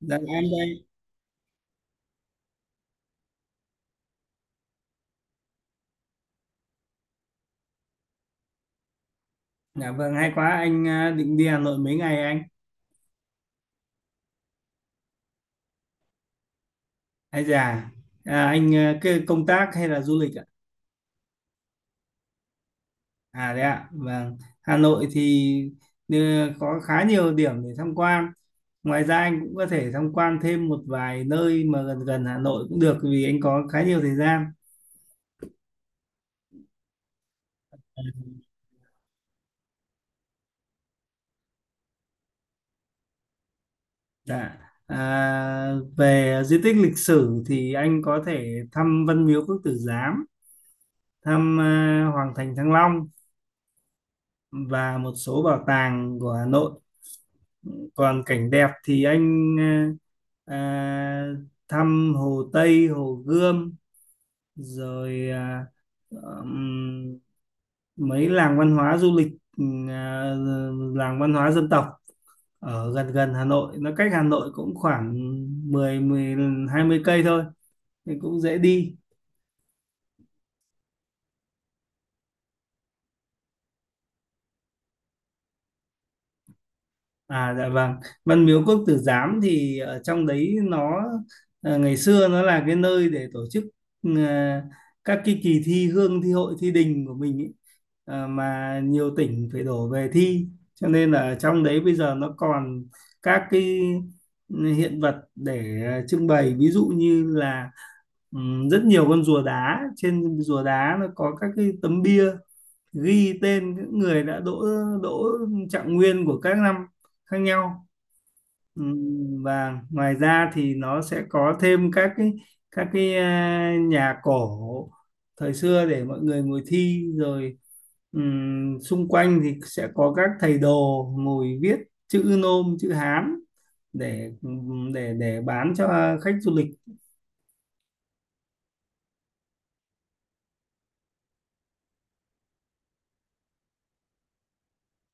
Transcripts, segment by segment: Dạ em đây. Dạ vâng hay quá anh à, định đi Hà Nội mấy ngày anh? Hay già. Anh à, cái công tác hay là du lịch ạ? À đấy ạ. Vâng. Hà Nội thì ờ, có khá nhiều điểm để tham quan. Ngoài ra anh cũng có thể tham quan thêm một vài nơi mà gần gần Hà Nội cũng được vì anh có khá nhiều thời gian. Dạ. À, về di tích lịch sử thì anh có thể thăm Văn Miếu Quốc Tử Giám, thăm Hoàng thành Thăng Long và một số bảo tàng của Hà Nội, còn cảnh đẹp thì anh ờ, à, thăm Hồ Tây, Hồ Gươm, rồi ừm, mấy làng văn hóa du lịch, ừm, à, làng văn hóa dân tộc ở gần gần Hà Nội, nó cách Hà Nội cũng khoảng mười mười hai mươi cây thôi, thì cũng dễ đi. À dạ vâng, Văn Miếu Quốc Tử Giám thì ở trong đấy nó ngày xưa nó là cái nơi để tổ chức ờ, các cái kỳ thi hương, thi hội, thi đình của mình ý. Ờ, mà nhiều tỉnh phải đổ về thi, cho nên là ở trong đấy bây giờ nó còn các cái hiện vật để trưng bày, ví dụ như là rất nhiều con rùa đá, trên rùa đá nó có các cái tấm bia ghi tên những người đã đỗ đỗ trạng nguyên của các năm khác nhau. Ừm, và ngoài ra thì nó sẽ có thêm các cái, các cái nhà cổ thời xưa để mọi người ngồi thi, rồi xung quanh thì sẽ có các thầy đồ ngồi viết chữ nôm, chữ Hán để để bán cho khách du lịch.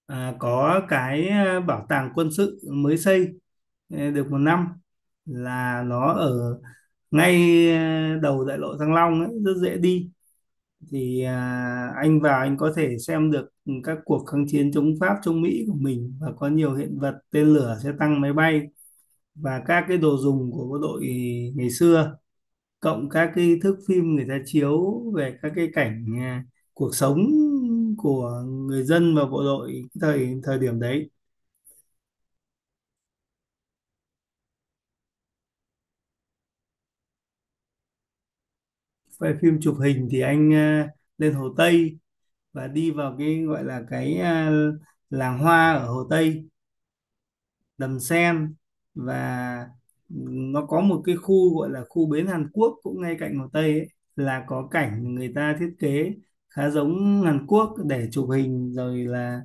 À, có cái bảo tàng quân sự mới xây được 1 năm, là nó ở ngay đầu đại lộ Thăng Long ấy, rất dễ đi, thì anh vào anh có thể xem được các cuộc kháng chiến chống Pháp, chống Mỹ của mình, và có nhiều hiện vật: tên lửa, xe tăng, máy bay và các cái đồ dùng của bộ đội ngày xưa, cộng các cái thước phim người ta chiếu về các cái cảnh cuộc sống của người dân và bộ đội thời thời điểm đấy. Về phim chụp hình thì anh lên Hồ Tây và đi vào cái gọi là cái làng hoa ở Hồ Tây, Đầm Sen, và nó có một cái khu gọi là khu bến Hàn Quốc cũng ngay cạnh Hồ Tây ấy, là có cảnh người ta thiết kế khá giống Hàn Quốc để chụp hình, rồi là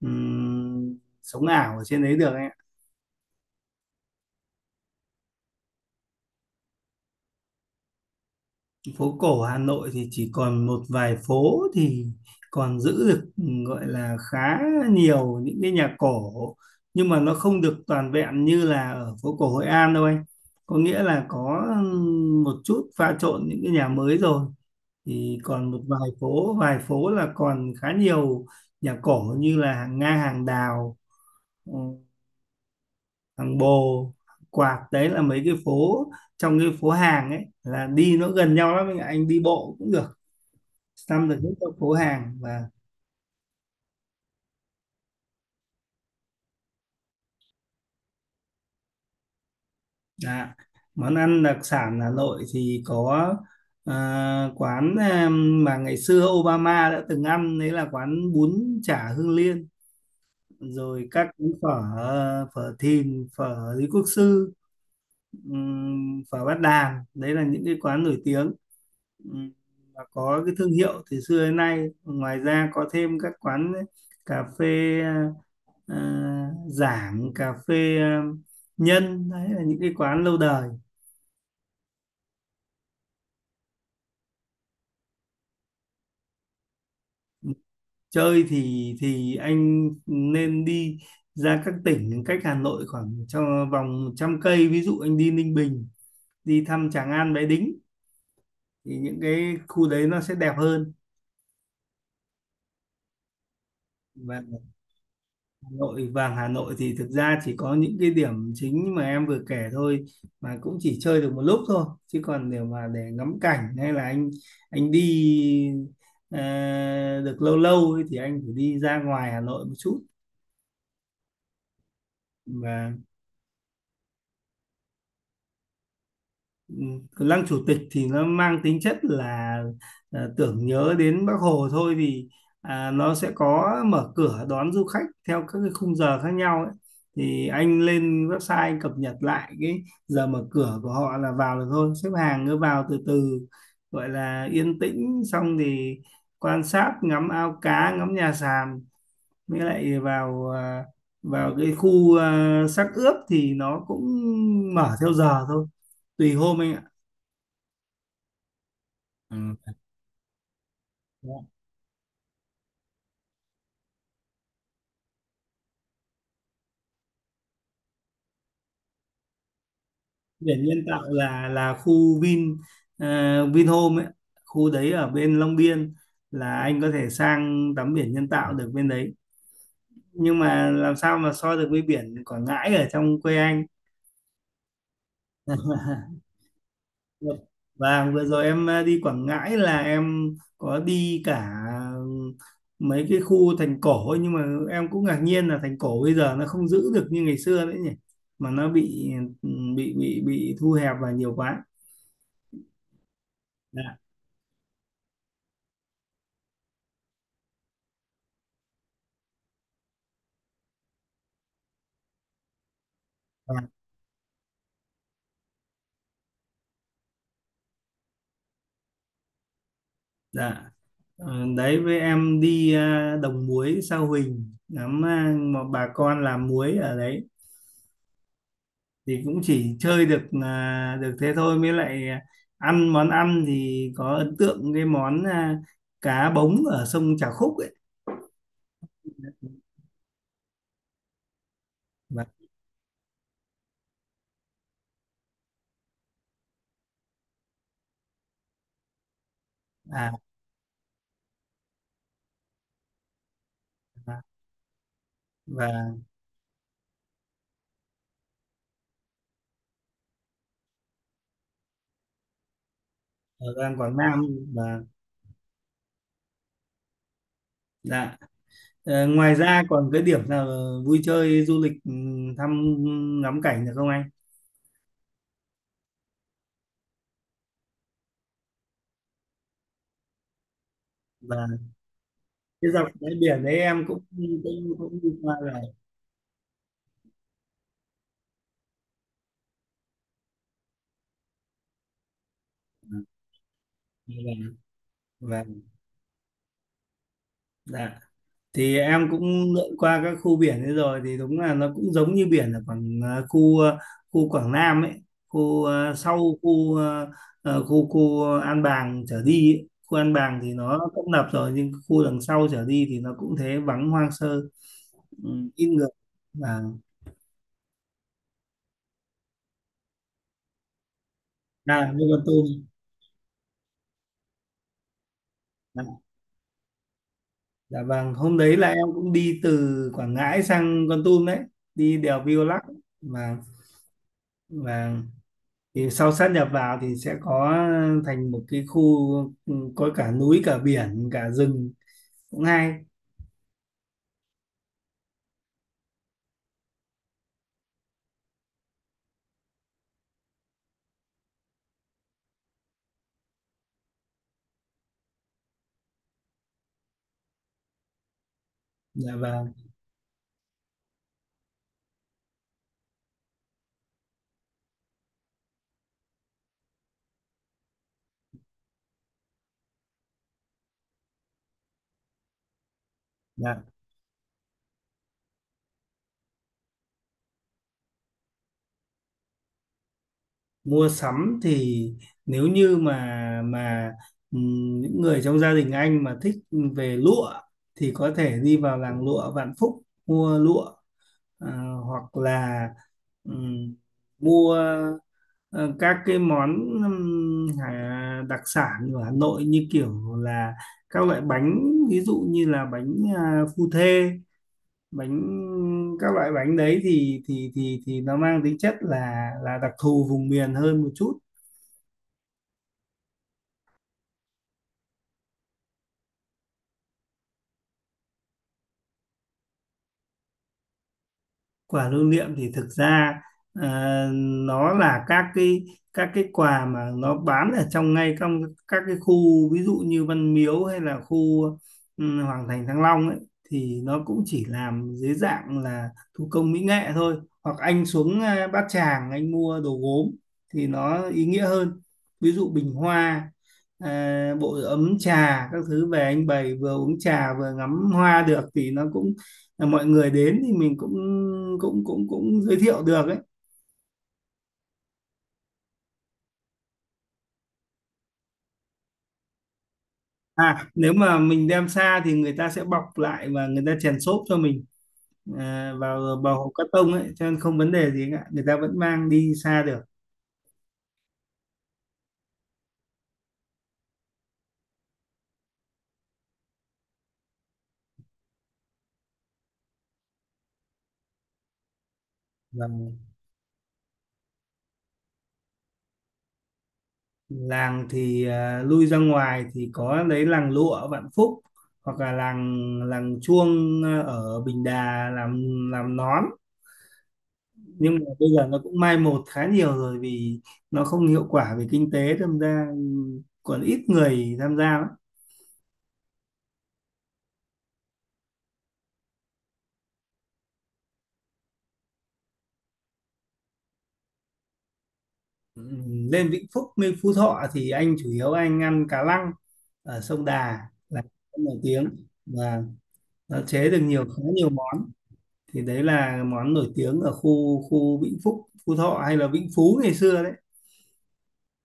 ừm, sống ảo ở trên đấy được. Phố cổ Hà Nội thì chỉ còn một vài phố thì còn giữ được gọi là khá nhiều những cái nhà cổ, nhưng mà nó không được toàn vẹn như là ở phố cổ Hội An đâu anh, có nghĩa là có một chút pha trộn những cái nhà mới rồi, thì còn một vài phố, vài phố là còn khá nhiều nhà cổ, như là hàng Nga, hàng Đào, ừ, hàng Bồ, hàng Quạt, đấy là mấy cái phố trong cái phố hàng ấy, là đi nó gần nhau lắm anh ạ, anh đi bộ cũng được, sâm được những chỗ phố hàng. Và à, món ăn đặc sản Hà Nội thì có ờ, quán em, mà ngày xưa Obama đã từng ăn đấy, là quán bún chả Hương Liên, rồi các cái phở, phở Thìn, phở Lý Quốc Sư, phở Bát Đàn, đấy là những cái quán nổi tiếng. Ừm, và có cái thương hiệu từ xưa đến nay. Ngoài ra có thêm các quán cà phê, Giảng, cà phê Nhân, đấy là những cái quán lâu đời. Chơi thì anh nên đi ra các tỉnh cách Hà Nội khoảng trong vòng 100 cây, ví dụ anh đi Ninh Bình, đi thăm Tràng An, Bái Đính, thì những cái khu đấy nó sẽ đẹp hơn. Và Hà Nội vàng, Hà Nội thì thực ra chỉ có những cái điểm chính mà em vừa kể thôi, mà cũng chỉ chơi được một lúc thôi, chứ còn nếu mà để ngắm cảnh hay là anh đi ờ, được lâu lâu ấy, thì anh phải đi ra ngoài Hà Nội một chút. Và lăng chủ tịch thì nó mang tính chất là tưởng nhớ đến Bác Hồ thôi, vì nó sẽ có mở cửa đón du khách theo các cái khung giờ khác nhau ấy. Thì anh lên website anh cập nhật lại cái giờ mở cửa của họ là vào được thôi, xếp hàng cứ vào từ từ, gọi là yên tĩnh, xong thì quan sát ngắm ao cá, ngắm nhà sàn, mới lại vào vào cái khu xác ướp, thì nó cũng mở theo giờ thôi, tùy hôm anh ạ. Ừ. Đó. Biển nhân tạo là khu Vin Vinhome ấy. Khu đấy ở bên Long Biên, là anh có thể sang tắm biển nhân tạo được bên đấy, nhưng mà làm sao mà so được với biển Quảng Ngãi ở trong quê anh. Và vừa rồi em đi Quảng Ngãi là em có đi cả mấy cái khu thành cổ ấy, nhưng mà em cũng ngạc nhiên là thành cổ bây giờ nó không giữ được như ngày xưa nữa nhỉ, mà nó bị ừ, bị thu hẹp và nhiều quá. Dạ. Dạ, đấy với em đi Đồng Muối Sao Huỳnh, ngắm mà bà con làm muối ở đấy, thì cũng chỉ chơi được được thế thôi, mới lại ăn món ăn thì có ấn tượng cái món cá bống ở sông Trà Khúc ấy. Và à, và và ở Giang Quảng Nam. Và dạ. Ờ, ngoài ra còn cái điểm nào vui chơi du lịch, thăm, ngắm cảnh được không anh? Và cái dọc bãi biển đấy em cũng cũng cũng đi qua rồi. Vâng, vâng, dạ. Thì em cũng lượn qua các khu biển ấy rồi thì đúng là nó cũng giống như biển ở Quảng khu khu Quảng Nam ấy, khu ờ, sau khu ờ, ờ, khu khu An Bàng trở đi ấy. Khu An Bàng thì nó tấp nập rồi, nhưng khu đằng sau trở đi thì nó cũng thế, vắng, hoang sơ, ừ, ít người. Và à, như Con Tum. Dạ, dạ vâng, hôm đấy là em cũng đi từ Quảng Ngãi sang Con Tum đấy, đi đèo Violac và và thì sau sát nhập vào thì sẽ có, thành một cái khu có cả núi, cả biển, cả rừng, cũng hay. Dạ vâng. Dạ. Mua sắm thì nếu như mà mà những người trong gia đình anh mà thích về lụa thì có thể đi vào làng lụa Vạn Phúc mua lụa, à, hoặc là ừm, mua. Ờ, các cái món đặc sản của Hà Nội như kiểu là các loại bánh, ví dụ như là bánh phu thê, bánh, các loại bánh đấy thì nó mang tính chất là đặc thù vùng miền hơn một chút. Quà lưu niệm thì thực ra ờ, nó là các cái, các cái quà mà nó bán ở trong, ngay trong các cái khu ví dụ như Văn Miếu hay là khu Hoàng Thành Thăng Long ấy, thì nó cũng chỉ làm dưới dạng là thủ công mỹ nghệ thôi, hoặc anh xuống Bát Tràng anh mua đồ gốm thì nó ý nghĩa hơn, ví dụ bình hoa, ờ, bộ ấm trà, các thứ về anh bày vừa uống trà vừa ngắm hoa được, thì nó cũng là mọi người đến thì mình cũng cũng giới thiệu được ấy. À nếu mà mình đem xa thì người ta sẽ bọc lại và người ta chèn xốp cho mình, à, vào vào hộp cắt tông ấy, cho nên không vấn đề gì cả, người ta vẫn mang đi xa được. Và làng thì lui ra ngoài thì có lấy làng lụa ở Vạn Phúc, hoặc là làng làng chuông ở Bình Đà làm nón, nhưng mà bây giờ nó cũng mai một khá nhiều rồi vì nó không hiệu quả về kinh tế tham gia, còn ít người tham gia lắm. Ừ, lên Vĩnh Phúc, lên Phú Thọ thì anh chủ yếu anh ăn cá lăng ở sông Đà, là món nổi tiếng, và nó chế được nhiều, khá nhiều món, thì đấy là món nổi tiếng ở khu khu Vĩnh Phúc, Phú Thọ, hay là Vĩnh Phú ngày xưa đấy,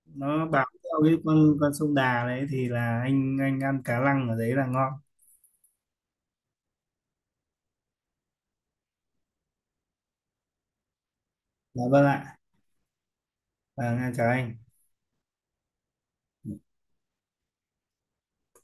nó bám theo cái con sông Đà đấy, thì là anh ăn cá lăng ở đấy là ngon. Dạ vâng ạ. Và chào anh.